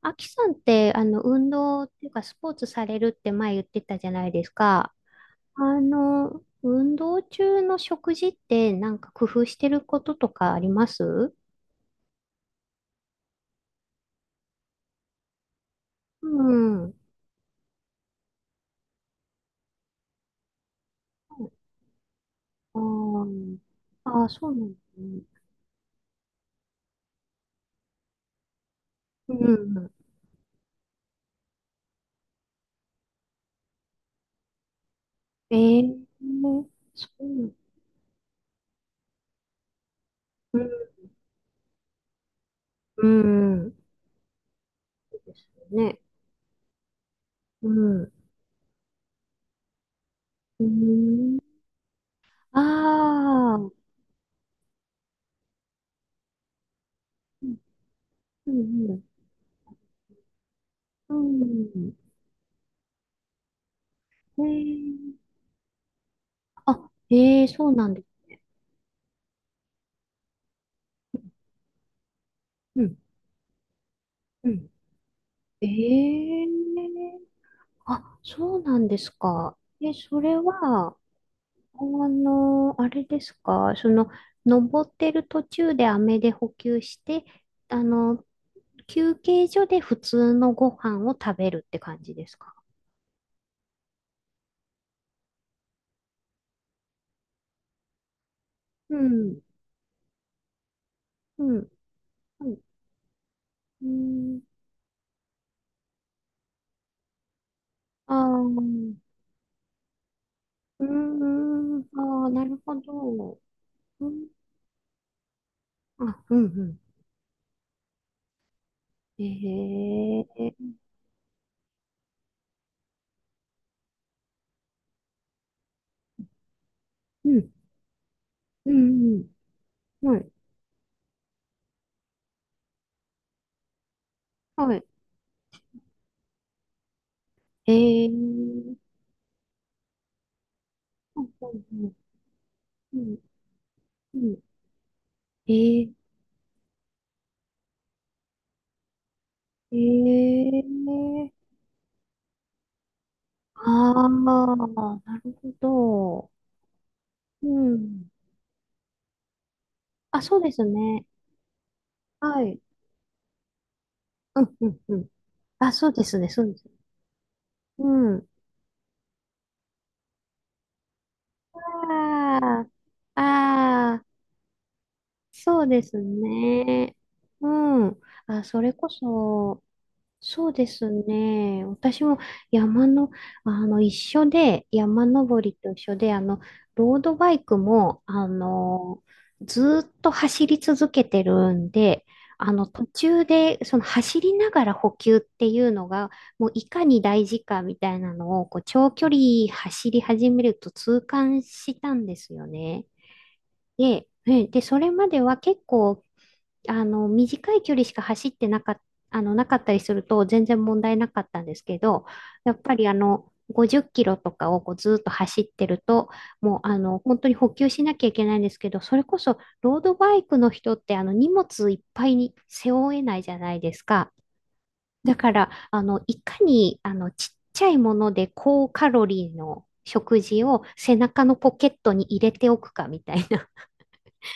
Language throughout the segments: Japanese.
あきさんって、運動っていうか、スポーツされるって前言ってたじゃないですか。運動中の食事ってなんか工夫してることとかあります？うん。あーあー、そうなんですね。うん。えー、そうなんうん。うん。そうですよね。うん。うーん。ああ。うんうん。うん。えー、あ、そうなんです。うんうん。ええ、あ、そうなんですか。え、それは、あれですか、登ってる途中で飴で補給して、あの、休憩所で普通のご飯を食べるって感じですか。うん、うん、うん、うん、ああ、うん、うん、ああ、なるほど。うん、あ、うん、うん。ええ、うん、うん、うん、はい、はい。ええ、うんうんうんうんうん、えー、えー、ああ、なるほど。うん。あ、そうですね。はい。うんうんうん。あ、そうですね、そうですね。うん。ああ、ああ、そうですね。うん。あ、それこそ、そうですね。私も山の、一緒で、山登りと一緒で、ロードバイクも、ずーっと走り続けてるんで、途中で、走りながら補給っていうのが、もういかに大事かみたいなのを、長距離走り始めると痛感したんですよね。で、ねで、それまでは結構短い距離しか走ってなかっ、あの、なかったりすると全然問題なかったんですけど、やっぱり50キロとかをこうずーっと走ってると、もう本当に補給しなきゃいけないんですけど、それこそロードバイクの人って荷物いっぱいに背負えないじゃないですか。だから、いかにちっちゃいもので高カロリーの食事を背中のポケットに入れておくかみたいな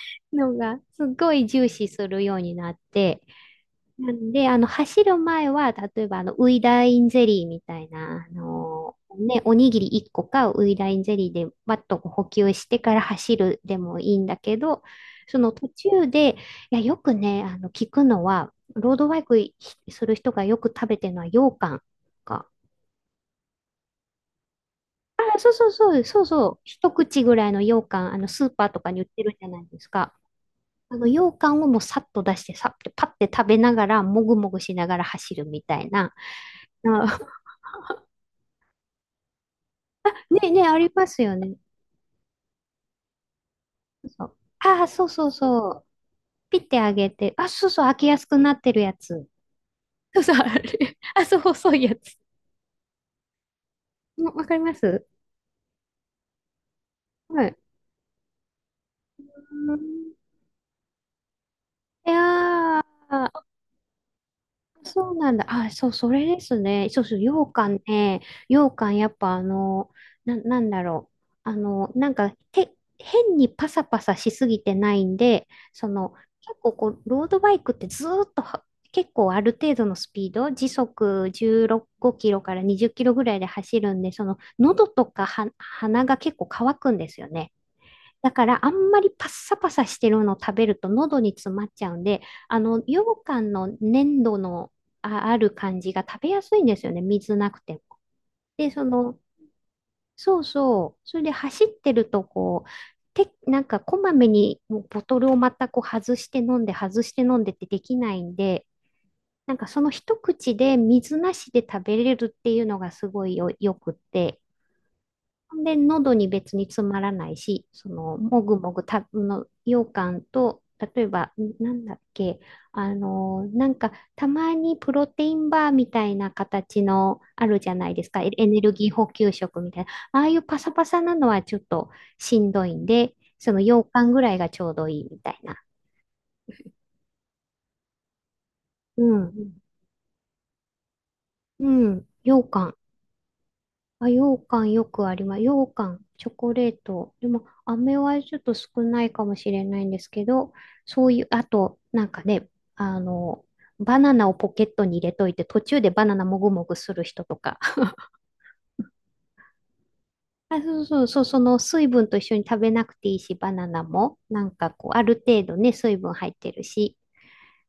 のが、すごい重視するようになって、なんで、走る前は、例えば、ウイダインゼリーみたいな、ね、おにぎり1個か、ウイダインゼリーで、バッとこう補給してから走るでもいいんだけど、その途中で、いや、よくね、聞くのは、ロードバイクする人がよく食べてるのは、羊羹か。あ、そうそうそう、そうそう、一口ぐらいの羊羹、スーパーとかに売ってるじゃないですか。羊羹をもうさっと出して、さって、パッて食べながら、もぐもぐしながら走るみたいな。あ、ねね、ありますよね。そう。ああ、そうそうそう。ピッてあげて。あ、そうそう、開けやすくなってるやつ。そうそう、あれ。あ、そう、細いやつ。もうわかります。はい。うーん、いやー。そうなんだ。あ、そう、それですね。そうそう、羊羹ね。羊羹、やっぱなんだろう。なんか、変にパサパサしすぎてないんで、結構こう、ロードバイクってずーっとは、結構ある程度のスピード、時速16キロから20キロぐらいで走るんで、喉とかは鼻が結構乾くんですよね。だからあんまりパッサパサしてるのを食べると喉に詰まっちゃうんで、羊羹の粘土のある感じが食べやすいんですよね。水なくても。で、そうそう。それで走ってるとなんかこまめにもうボトルをまたこう外して飲んで外して飲んでってできないんで、なんかその一口で水なしで食べれるっていうのがすごいよくって、で、喉に別に詰まらないし、もぐもぐた、の、羊羹と、例えば、んなんだっけ、なんか、たまにプロテインバーみたいな形のあるじゃないですか、エエネルギー補給食みたいな、ああいうパサパサなのはちょっとしんどいんで、その羊羹ぐらいがちょうどいいみたいな。うん。うん、羊羹。あ、羊羹よくあります。羊羹、チョコレート。でも、飴はちょっと少ないかもしれないんですけど、そういう、あと、なんかね、あの、バナナをポケットに入れといて、途中でバナナもぐもぐする人とか。あ、そうそうそう、その水分と一緒に食べなくていいし、バナナも、なんかこう、ある程度ね、水分入ってるし、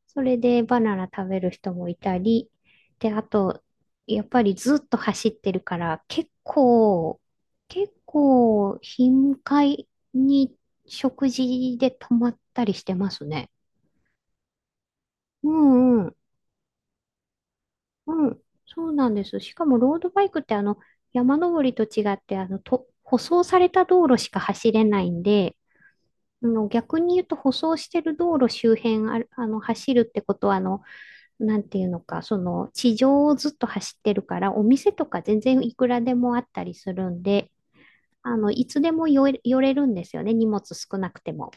それでバナナ食べる人もいたり、で、あと、やっぱりずっと走ってるから、結構、頻回に食事で止まったりしてますね。うんうん、うん、そうなんです。しかも、ロードバイクって、山登りと違って、舗装された道路しか走れないんで、逆に言うと、舗装してる道路周辺ある、走るってことは、なんていうのか、その地上をずっと走ってるから、お店とか全然いくらでもあったりするんで、いつでも寄れるんですよね、荷物少なくても。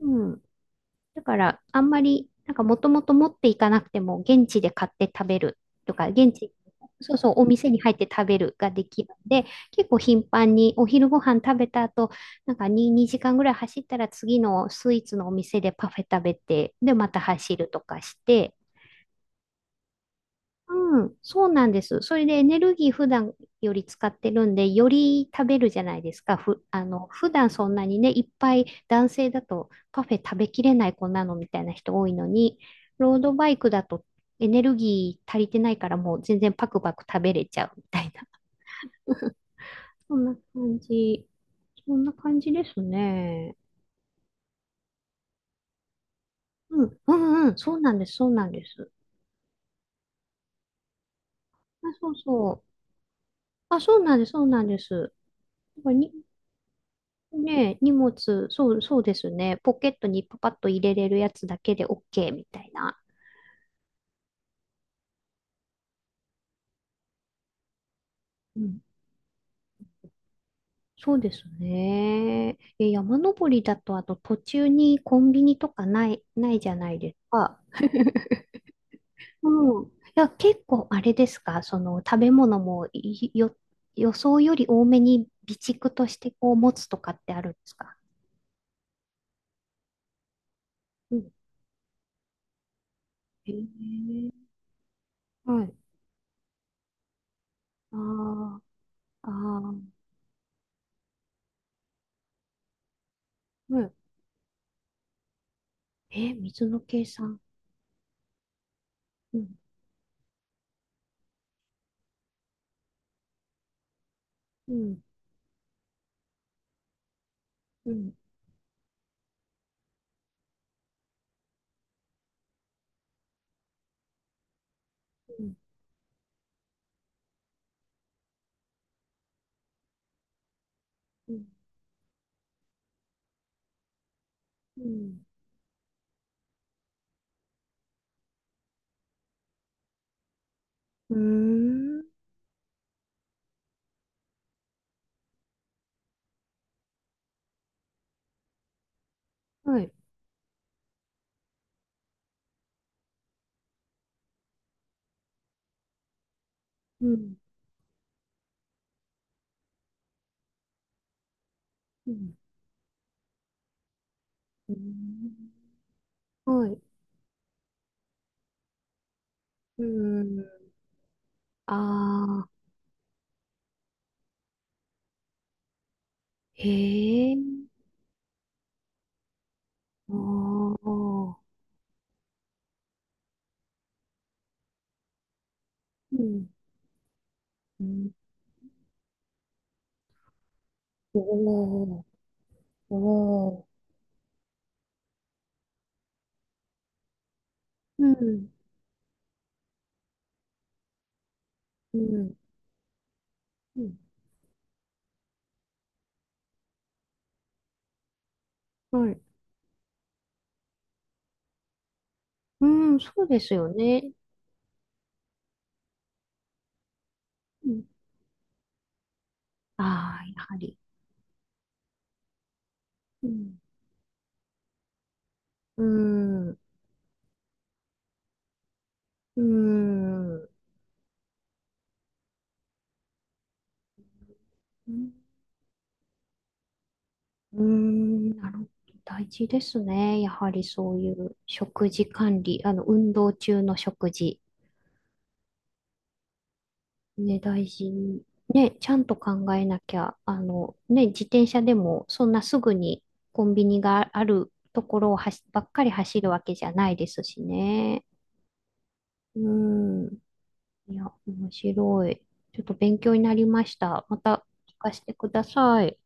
うん。だから、あんまり、なんかもともと持っていかなくても、現地で買って食べるとか、現地、そうそう、お店に入って食べるができるんで、結構頻繁にお昼ご飯食べた後、なんか 2, 2時間ぐらい走ったら次のスイーツのお店でパフェ食べて、で、また走るとかして、うん、そうなんです。それでエネルギー普段より使ってるんで、より食べるじゃないですか。ふ、あの、普段そんなにね、いっぱい男性だとパフェ食べきれない子なのみたいな人多いのに、ロードバイクだとエネルギー足りてないからもう全然パクパク食べれちゃうみたいな。そんな感じ。そんな感じですね。うん、うん、うん、そうなんです、そうなんです。あ、そうそう。あ、そうなんです、そうなんです。なんかにねえ、荷物、そう、そうですね。ポケットにパパッと入れれるやつだけで OK みたいな。うん。そうですね。え、山登りだと、あと途中にコンビニとかない、ないじゃないですか。うん。いや、結構あれですか、その食べ物もいよ、予想より多めに備蓄としてこう持つとかってあるんですか？うん。へえ、はい。ああ、ああ、うん。え、水の計算。うん。うん。うん、うん、うん、うん。うーん、はい。うん、うん、うーん、はい。うーん。ああ、へえ。ああ、うん、うん。おお、おお。うん、うん、うん。はい。うん、そうですよね。うん。ああ、やはり。うん、うーん、うーん。うん、うーん、なるほど。大事ですね。やはりそういう食事管理、運動中の食事。ね、大事に。ね、ちゃんと考えなきゃ、ね、自転車でもそんなすぐにコンビニがあるところをはしばっかり走るわけじゃないですしね。うん。いや、面白い。ちょっと勉強になりました。また聞かせてください。